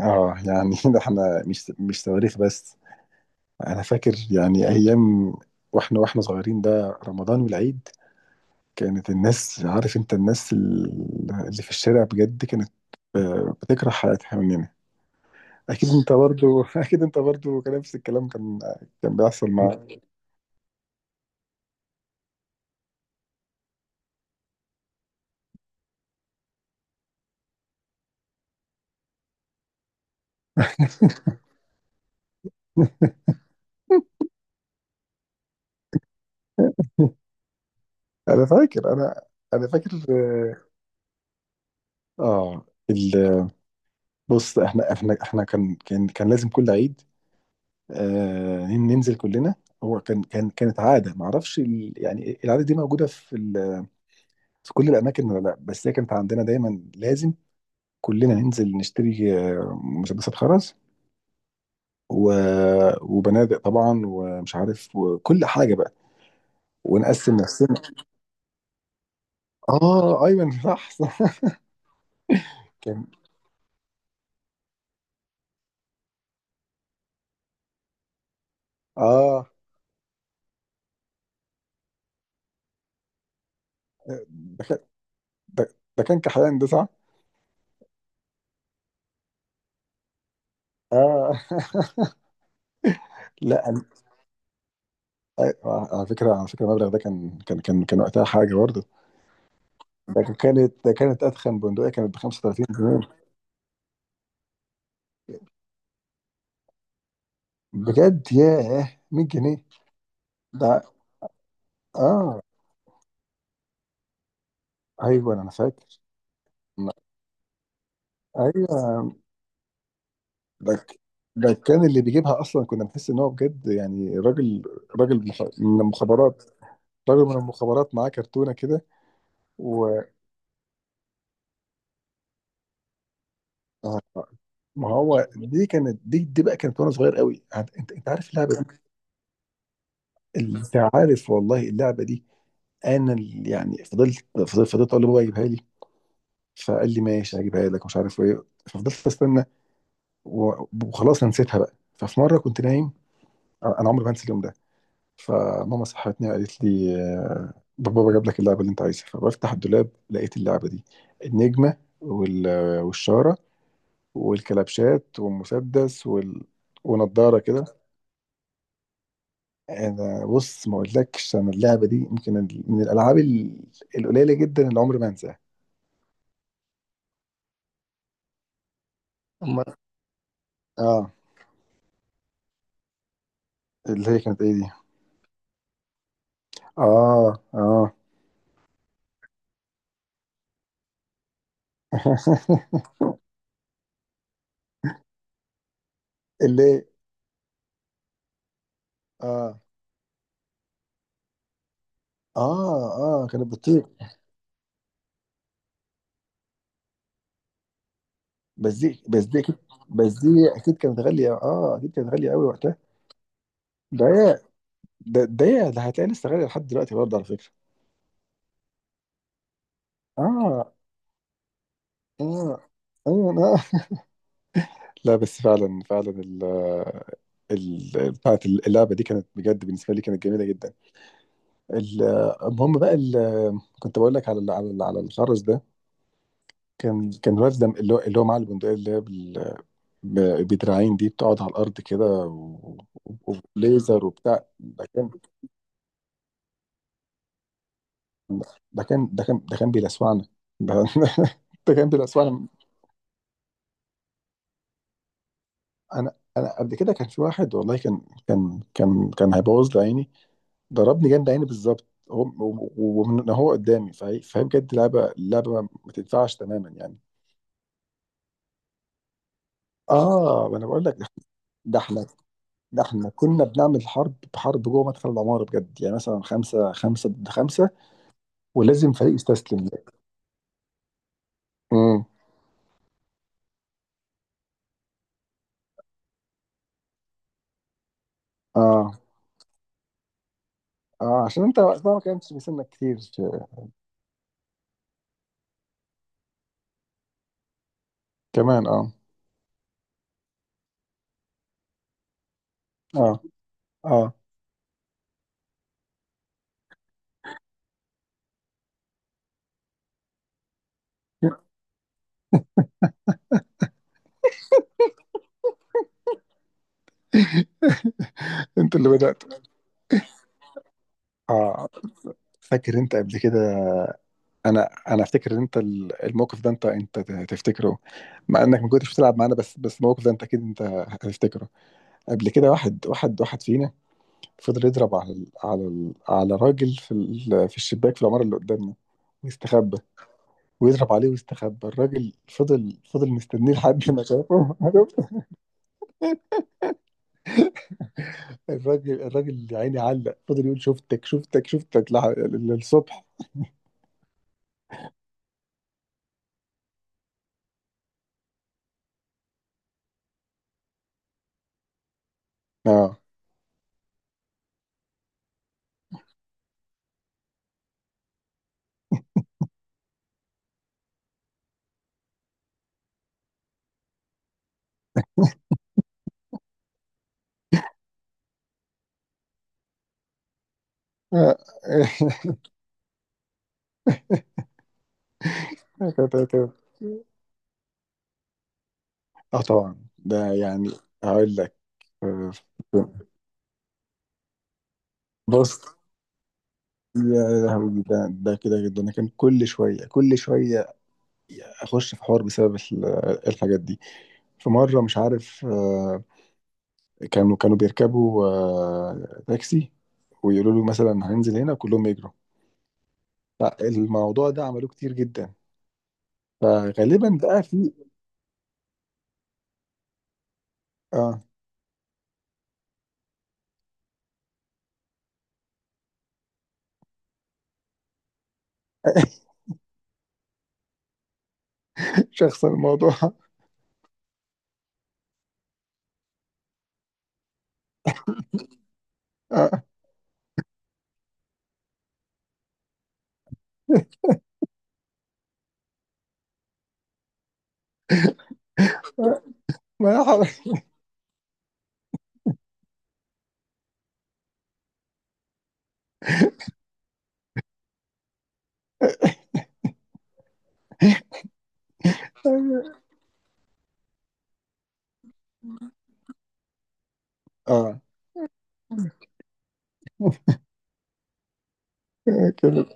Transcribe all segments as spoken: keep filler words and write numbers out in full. اه، يعني ده احنا مش مش تواريخ بس. انا فاكر يعني ايام واحنا واحنا صغيرين، ده رمضان والعيد. كانت الناس، عارف انت، الناس ال- اللي في الشارع بجد كانت، آه، بتكره حياتها مننا. اكيد انت برضو اكيد انت برضو كان نفس الكلام، كان كان بيحصل معاك. انا فاكر انا انا فاكر اه آه، ال- بص، احنا احنا احنا كان كان كان لازم كل عيد، آه، ننزل كلنا. هو كان كان كانت عاده، ما اعرفش، ال- يعني العاده دي موجوده في ال- في كل الاماكن، ولا لا، بس هي كانت عندنا دايما، لازم كلنا ننزل نشتري آه، مسدسات خرز و... وبنادق طبعا، ومش عارف، وكل حاجه بقى، ونقسم نفسنا. اه، ايمن، صح صح كان اه ده كان ده ده كان كحيان ده، صح؟ اه لا، أنا... آه، على فكره على فكره المبلغ ده كان كان كان كان وقتها حاجه برضه. ده كانت ده كانت أتخن بندقية كانت ب خمسة وتلاتين جنيه. بجد؟ ياه، مية جنيه. ده آه، أيوه، أنا فاكر. أيوه، ده ك- ده كان اللي بيجيبها أصلا، كنا بنحس إن هو بجد يعني راجل، راجل مخ- من المخابرات. راجل من المخابرات معاه كرتونة كده. و آه، ما هو دي كانت، دي دي بقى كانت، وأنا صغير قوي، عاد- أنت أنت عارف اللعبة دي. أنت عارف والله اللعبة دي. أنا اللي يعني فضلت فضلت فضلت أقول لبابا يجيبها لي. فقال لي: ماشي هجيبها لك، مش عارف ايه، ففضلت استنى. و- وخلاص انا نسيتها بقى، ففي مره كنت نايم. انا عمري ما انسى اليوم ده. فماما صحتني، قالت لي: آه، بابا جاب لك اللعبه اللي انت عايزها. فبفتح الدولاب، لقيت اللعبه دي، النجمه وال... والشاره والكلبشات والمسدس وال... ونضاره كده. انا، بص، ما اقولكش، انا اللعبه دي يمكن ال- من الالعاب ال- القليله جدا اللي عمري ما انساها. أما- اه. اللي هي كانت ايه دي؟ اه، اه اللي اه، اه، اه، كانت بتطير. بس دي بس دي اكيد. بس دي اكيد كانت غاليه اه اكيد كانت غاليه قوي وقتها. ده هي- ده ده هي- ده هتلاقي لسه غاليه لحد دلوقتي برضه، على فكره. اه، اه، اه. آه. لا بس فعلا فعلا ال ال بتاعت اللعبه دي كانت، بجد بالنسبه لي كانت جميله جدا. ال- المهم بقى، ال- كنت بقول لك على ال- على ال- على الخرز ده. كان كان الواد ده، اللي هو اللي هو معاه البندقيه اللي هي ب- بدراعين دي بتقعد على الارض كده، و- و- وليزر وبتاع. ده كان ده كان ده كان ده كان بيلسوعنا. ده ده كان بيلسوعنا. انا انا قبل كده، كان في واحد والله كان كان كان كان هيبوظ لي عيني. ضربني جنب عيني بالظبط، هو و- و- ومن هو قدامي. فهي فهي بجد لعبه، لعبه ما ما تنفعش تماما يعني. اه، ما انا بقول لك. ده احنا ده احنا كنا بنعمل حرب، حرب جوه مدخل العماره بجد، يعني مثلا خمسه خمسه ضد خمسه، ولازم فريق يستسلم. اه، اه، عشان انت وقتها ما كانش بيسنك كتير في... كمان، اه، اه، اه، انت اللي بدأت. اه، فاكر انت قبل كده؟ انا انا افتكر ان انت ال- الموقف ده، انت انت ت- تفتكره، مع انك ما كنتش بتلعب معانا، بس بس الموقف ده انت اكيد انت هتفتكره. قبل كده، واحد واحد واحد فينا فضل يضرب على ال- على ال- على راجل في ال- في الشباك في العمارة اللي قدامنا، ويستخبى. ويضرب عليه ويستخبى، الراجل فضل فضل مستنيه لحد ما شافه الراجل الراجل يا عيني علق، فضل يقول شفتك شفتك شفتك لح- للصبح. اه، اه كانت- كانت- آه، طبعا، ده يعني... هقول لك. آه، بص. يا لهوي، ده ده كده جدا، انا كان كل شويه كل شويه اخش في حوار بسبب ال- الحاجات دي. في مره، مش عارف، آه، كانوا كانوا بيركبوا آه، تاكسي، ويقولوا له مثلا هننزل هنا، كلهم يجروا. فالموضوع ده عملوه كتير جدا. فغالبا بقى في... اه شخص الموضوع. آه. ما يحرك. اه، كده.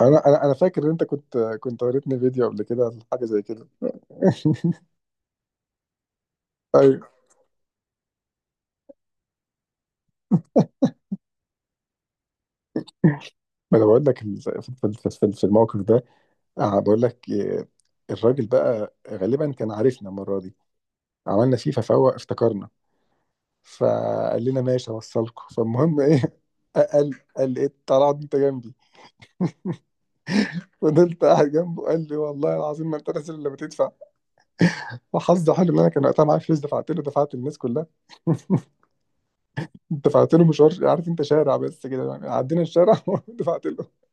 انا انا انا فاكر ان انت كنت كنت وريتني فيديو قبل كده عن حاجه زي كده. ايوه، ما انا بقول لك، ال- في في- في- في الموقف ده، آه، بقول لك. آه، الراجل بقى غالبا كان عارفنا المره دي، عملنا فيه ففوق افتكرنا. فقال لنا: ماشي اوصلكم. فالمهم ايه، قال قال: ايه طلعت انت جنبي؟ فضلت قاعد جنبه، قال لي: والله العظيم ما انت نازل الا بتدفع. وحظي حلو ان انا كان وقتها معايا فلوس، دفعت له، دفعت للناس كلها دفعت له مشوار، عارف انت، شارع بس كده يعني، عدينا الشارع ودفعت له.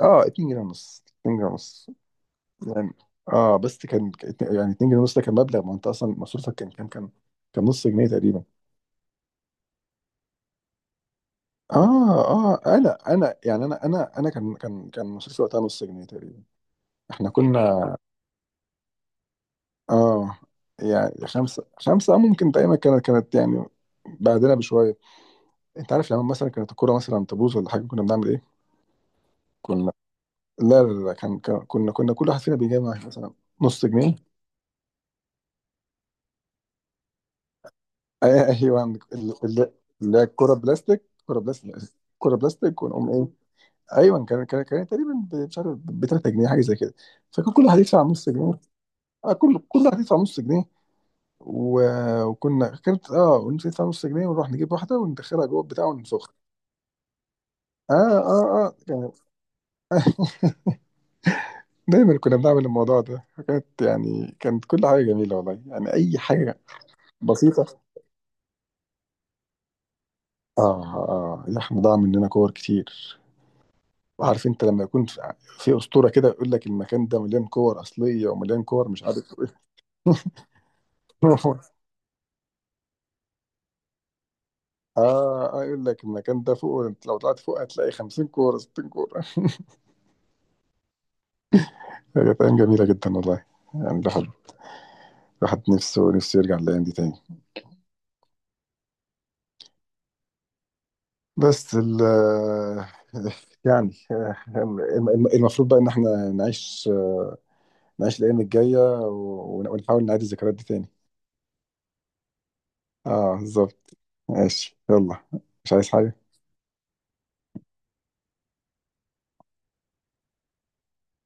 اه، اتنين جنيه ونص، اتنين جنيه ونص. يعني، اه، بس كان، يعني اتنين جنيه ونص ده كان مبلغ، ما انت اصلا مصروفك كان كان كان كان نص جنيه تقريبا. اه، اه. انا انا يعني انا انا انا كان كان كان مصروفي وقتها نص جنيه تقريبا. احنا كنا، اه، يعني خمسة، خمسة، آه، ممكن، دايما كانت، كانت يعني بعدنا بشوية. انت عارف لما مثلا كانت الكورة مثلا تبوظ ولا حاجة، كنا بنعمل ايه؟ كنا... لا، لا، لا، كان كان- كنا كنا كل واحد فينا بيجمع مثلا نص جنيه. آه، ايوه، ال- ال- اللي هي الكرة بلاستيك، كرة بلاستيك، كرة بلاستيك، ونقوم ايه. ايوه، كان كان كان تقريبا ب- مش عارف، ب ثلاثة جنيه حاجه زي كده. فكان كل واحد يدفع نص جنيه، آه كل كل واحد يدفع نص جنيه. و- وكنا كانت، اه، ونص يدفع نص جنيه، ونروح نجيب واحده وندخلها جوه البتاع ونسخها. اه، اه، اه، كان دايما كنا بنعمل الموضوع ده، كانت، يعني كانت كل حاجه جميله والله، يعني اي حاجه بسيطه. اه، اه، اللحم ضاع مننا كور كتير. وعارف انت لما يكون في في اسطوره كده يقول لك المكان ده مليان كور اصليه ومليان كور مش عارف ايه. اه، آه، يقول لك المكان ده فوق، انت لو طلعت فوق هتلاقي خمسين كوره، ستين كوره. هي ايام جميله جدا والله، يعني الواحد، الواحد نفسه نفسه يرجع الايام دي تاني. بس ال... يعني، آه، الم- المفروض بقى ان احنا نعيش، آه، نعيش الايام الجايه، و- ونحاول نعيد الذكريات دي تاني. اه، بالظبط. ماشي يلا، مش عايز حاجة.